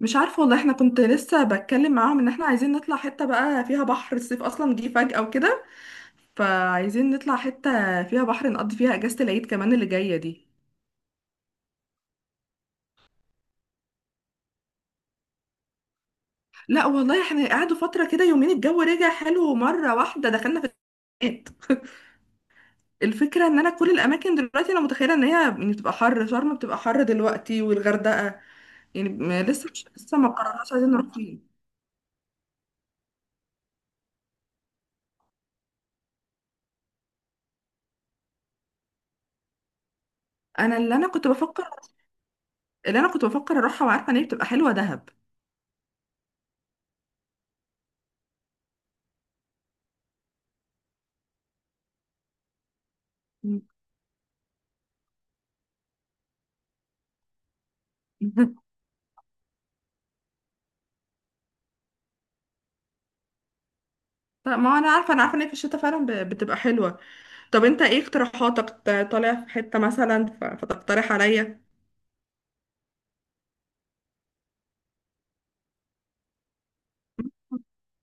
مش عارفة والله، احنا كنت لسه بتكلم معاهم ان احنا عايزين نطلع حتة بقى فيها بحر. الصيف اصلا جه فجأة وكده، فعايزين نطلع حتة فيها بحر نقضي فيها اجازة العيد كمان اللي جاية دي. لا والله، احنا قعدوا فترة كده يومين الجو رجع حلو، مرة واحدة دخلنا في الشتاء. الفكرة ان انا كل الاماكن دلوقتي انا متخيلة ان هي يعني بتبقى حر، شرم بتبقى حر دلوقتي والغردقة. يعني لسه، مش، لسه ما قررناش عايزين نروح فين. انا اللي انا كنت بفكر اللي انا كنت بفكر اروحها، وعارفة ان هي بتبقى حلوة دهب. طب ما هو انا عارفه ان هي في الشتاء فعلا بتبقى حلوه. طب انت ايه اقتراحاتك؟ طالع في حته مثلا فتقترح عليا.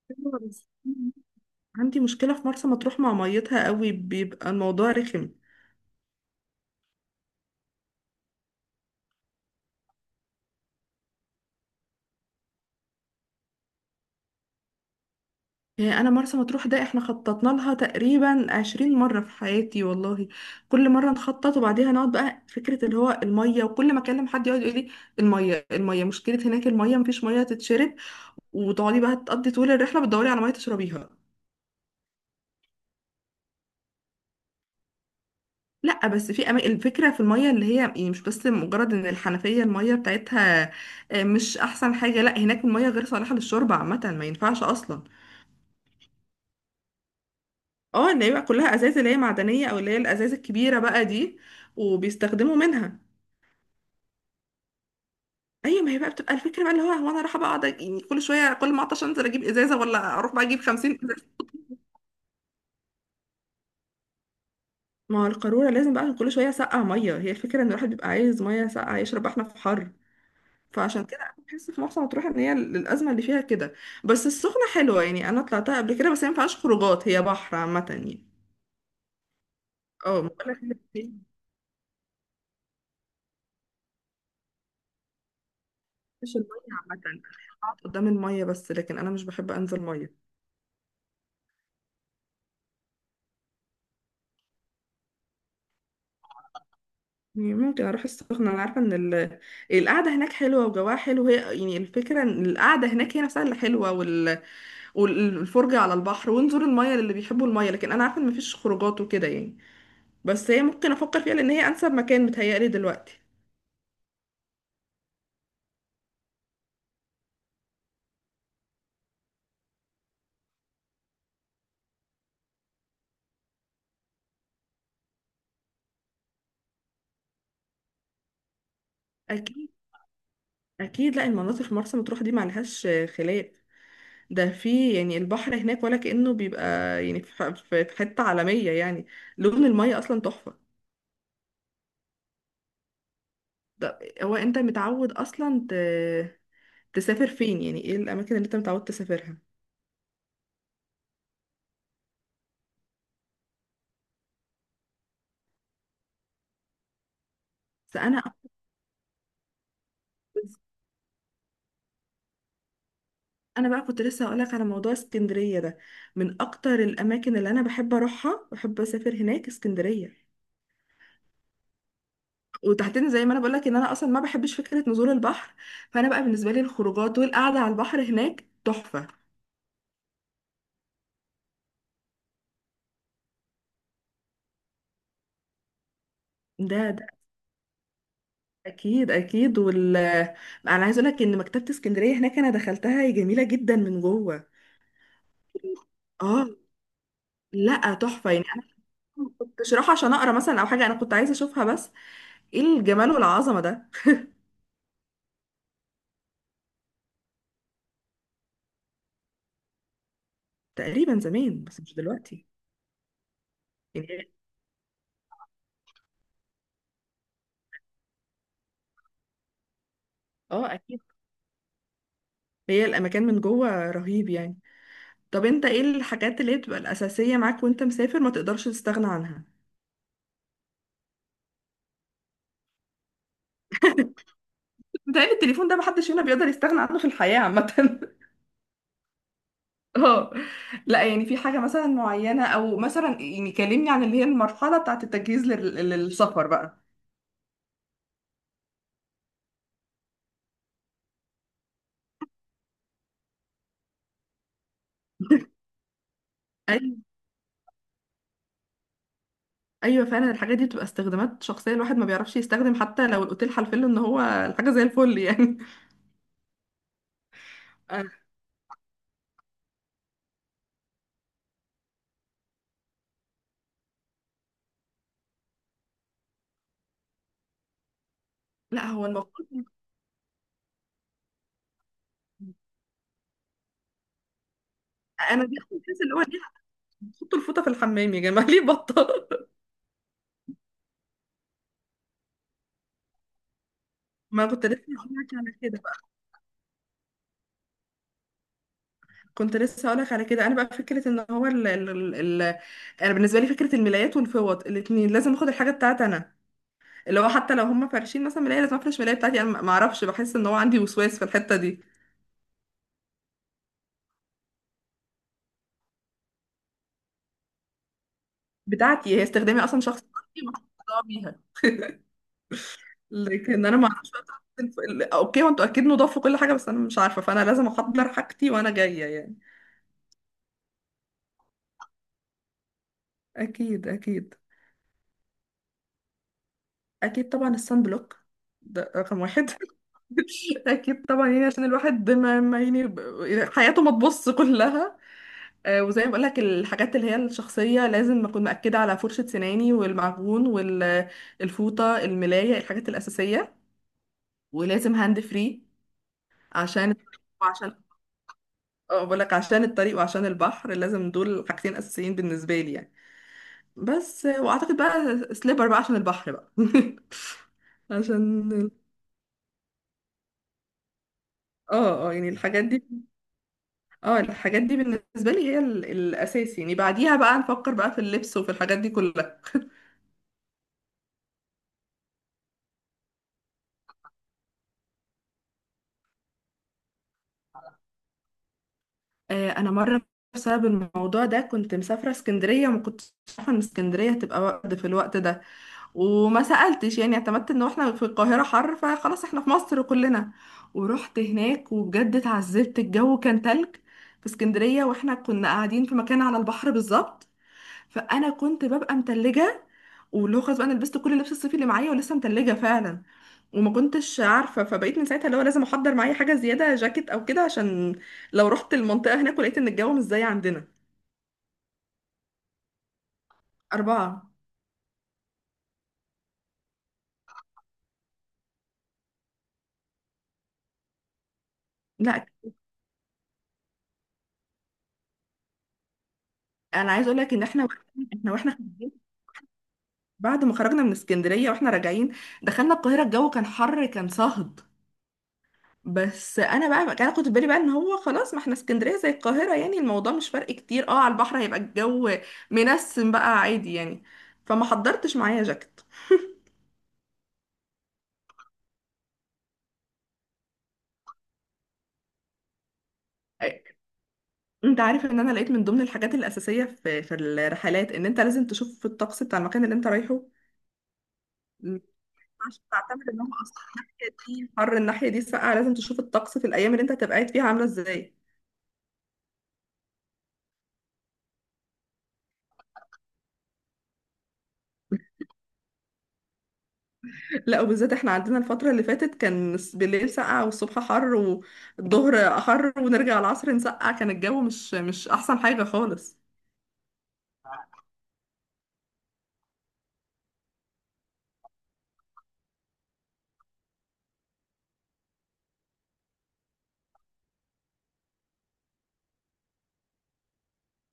حلوة، بس عندي مشكله في مرسى مطروح، مع ميتها قوي بيبقى الموضوع رخم. يعني انا مرسى مطروح ده احنا خططنا لها تقريبا 20 مره في حياتي والله. كل مره نخطط وبعديها نقعد بقى فكره اللي هو الميه، وكل ما اكلم حد يقعد يقول لي الميه مشكله هناك، الميه مفيش ميه تتشرب، وتقعدي بقى تقضي طول الرحله بتدوري على ميه تشربيها. لا بس في الفكره في الميه اللي هي يعني مش بس مجرد ان الحنفيه الميه بتاعتها. مش احسن حاجه، لا هناك الميه غير صالحه للشرب عامه، ما ينفعش اصلا. اه اللي هي بقى كلها ازاز، اللي هي معدنيه او اللي هي الازاز الكبيره بقى دي وبيستخدموا منها. ايوه، ما هي بقى بتبقى الفكره بقى اللي هو هو انا رايحه بقى اقعد، يعني كل شويه كل ما اعطش انزل اجيب ازازه، ولا اروح بقى اجيب 50 ازازه. ما هو القاروره لازم بقى كل شويه سقع ميه، هي الفكره ان الواحد بيبقى عايز ميه ساقعه يشرب، احنا في حر. فعشان كده انا بحس في مرسى مطروح ان هي الازمه اللي فيها كده. بس السخنه حلوه، يعني انا طلعتها قبل كده، بس هي ما فيهاش خروجات، هي بحر عامه يعني. اه ما بقولك، هي مش الميه، عامه أنا بقعد قدام الميه بس، لكن انا مش بحب انزل ميه. يعني ممكن اروح السخنه، انا عارفه ان القعده هناك حلوه، وجواها حلو. هي يعني الفكره ان القعده هناك هي نفسها اللي حلوه، والفرجه على البحر، ونزور الميه للي بيحبوا الميه، لكن انا عارفه ان مفيش خروجات وكده يعني. بس هي ممكن افكر فيها، لان هي انسب مكان متهيألي دلوقتي. اكيد، اكيد، لا المناطق في مرسى مطروح دي معلهاش خلاف. ده في يعني البحر هناك ولا كأنه بيبقى، يعني في حتة عالمية يعني. لون المية اصلا تحفة. ده هو انت متعود اصلا تسافر فين؟ يعني ايه الاماكن اللي انت متعود تسافرها؟ بس انا بقى كنت لسه هقولك على موضوع اسكندرية ده. من اكتر الاماكن اللي انا بحب اروحها، بحب اسافر هناك اسكندرية. وتحديدا زي ما انا بقولك ان انا اصلا ما بحبش فكرة نزول البحر، فانا بقى بالنسبة لي الخروجات والقعدة على البحر هناك تحفة. ده اكيد، اكيد. انا عايز اقول لك ان مكتبه اسكندريه هناك انا دخلتها، هي جميله جدا من جوه. اه لا تحفه، يعني انا ما كنتش رايحه عشان اقرا مثلا او حاجه، انا كنت عايزه اشوفها بس. ايه الجمال والعظمه ده! تقريبا زمان بس مش دلوقتي. يعني اه اكيد. هي الاماكن من جوه رهيب يعني. طب انت ايه الحاجات اللي هي بتبقى الاساسيه معاك وانت مسافر ما تقدرش تستغنى عنها؟ بتهيألي التليفون ده محدش هنا بيقدر يستغنى عنه في الحياه عامه. اه، لا يعني في حاجة مثلا معينة، او مثلا يعني كلمني عن اللي هي المرحلة بتاعت التجهيز للسفر بقى. ايوه، ايوه فعلا الحاجات دي بتبقى استخدامات شخصيه الواحد ما بيعرفش يستخدم، حتى لو الاوتيل حلفله ان هو الحاجه زي الفل يعني. آه، لا هو المفروض. انا دي اصلا الناس اللي هو ليه بتحطوا الفوطه في الحمام يا جماعه ليه بطه؟ ما كنت لسه هقول لك على كده بقى. كنت لسه هقول لك على كده، انا بقى فكره ان هو انا بالنسبه لي فكره الملايات والفوط الاثنين لازم اخد الحاجه بتاعتي انا، اللي هو حتى لو هم فارشين مثلا ملاية لازم افرش ملاية بتاعتي انا، ما اعرفش بحس ان هو عندي وسواس في الحتة دي. بتاعتي هي استخدامي اصلا شخصي، ما حدش ضاع بيها. لكن انا ما اعرفش بقى بتاعت اوكي، وانتوا اكيد نضاف وكل حاجة، بس انا مش عارفة، فانا لازم احضر حاجتي وانا جاية يعني. اكيد، اكيد، اكيد، طبعا الصن بلوك ده رقم واحد. اكيد طبعا، يعني عشان الواحد ما يعني حياته ما تبص كلها. وزي ما بقولك الحاجات اللي هي الشخصية لازم أكون مأكدة على فرشة سناني والمعجون والفوطة الملاية الحاجات الأساسية. ولازم هاند فري. عشان عشان اه بقولك، عشان الطريق وعشان البحر لازم دول حاجتين أساسيين بالنسبة لي يعني. بس وأعتقد بقى سليبر بقى عشان البحر بقى. عشان اه، اه، يعني الحاجات دي. اه الحاجات دي بالنسبة لي هي الأساس، يعني بعديها بقى نفكر بقى في اللبس وفي الحاجات دي كلها. انا مره بسبب الموضوع ده كنت مسافره اسكندريه، ما كنتش عارفه ان اسكندريه هتبقى برد في الوقت ده وما سالتش، يعني اعتمدت ان احنا في القاهره حر فخلاص احنا في مصر كلنا. ورحت هناك وبجد اتعذبت، الجو كان تلج في اسكندريه، واحنا كنا قاعدين في مكان على البحر بالظبط، فانا كنت ببقى متلجه. ولو خلاص بقى انا لبست كل اللبس الصيفي اللي معايا ولسه متلجه فعلا، وما كنتش عارفه. فبقيت من ساعتها اللي هو لازم احضر معايا حاجه زياده جاكيت او كده، عشان لو رحت المنطقه هناك ولقيت ان الجو مش زي عندنا. اربعه. لا انا عايز اقول لك ان احنا واحنا خارجين بعد ما خرجنا من اسكندريه واحنا راجعين دخلنا القاهره، الجو كان حر كان صهد. بس انا بقى انا كنت في بالي بقى ان هو خلاص، ما احنا اسكندريه زي القاهره، يعني الموضوع مش فرق كتير اه، على البحر هيبقى الجو منسم بقى عادي يعني، فما حضرتش معايا جاكيت. أي. انت عارف ان انا لقيت من ضمن الحاجات الاساسيه في الرحلات، ان انت لازم تشوف الطقس بتاع المكان اللي انت رايحه، عشان تعتمد ان هو اصلا الناحيه دي حر، الناحيه دي ساقعه. لازم تشوف الطقس في الايام اللي انت هتبقى قاعد فيها عامله ازاي. لا، وبالذات احنا عندنا الفترة اللي فاتت كان بالليل سقعة والصبح حر والظهر حر ونرجع العصر نسقع، كان الجو مش أحسن حاجة خالص.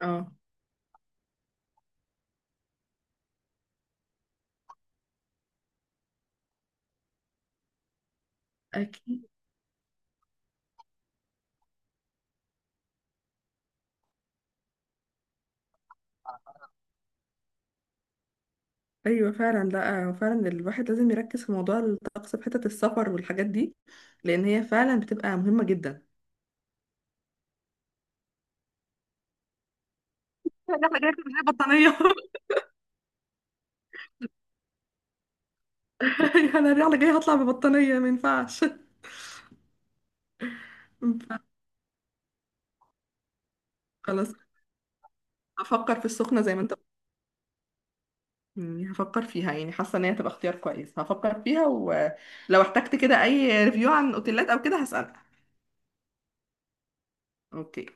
اه اكيد. أيوة فعلا، لا فعلا الواحد لازم يركز في موضوع الطقس في حتة السفر والحاجات دي، لأن هي فعلا بتبقى مهمة جدا. الرحلة جاية من بطانية. أنا الرحلة جاية هطلع ببطانية، ما ينفعش. ما ينفعش. خلاص، أفكر في السخنة زي ما انت. هفكر فيها، يعني حاسه ان هي تبقى اختيار كويس. هفكر فيها ولو احتجت كده اي ريفيو عن اوتيلات او كده هسألك. اوكي.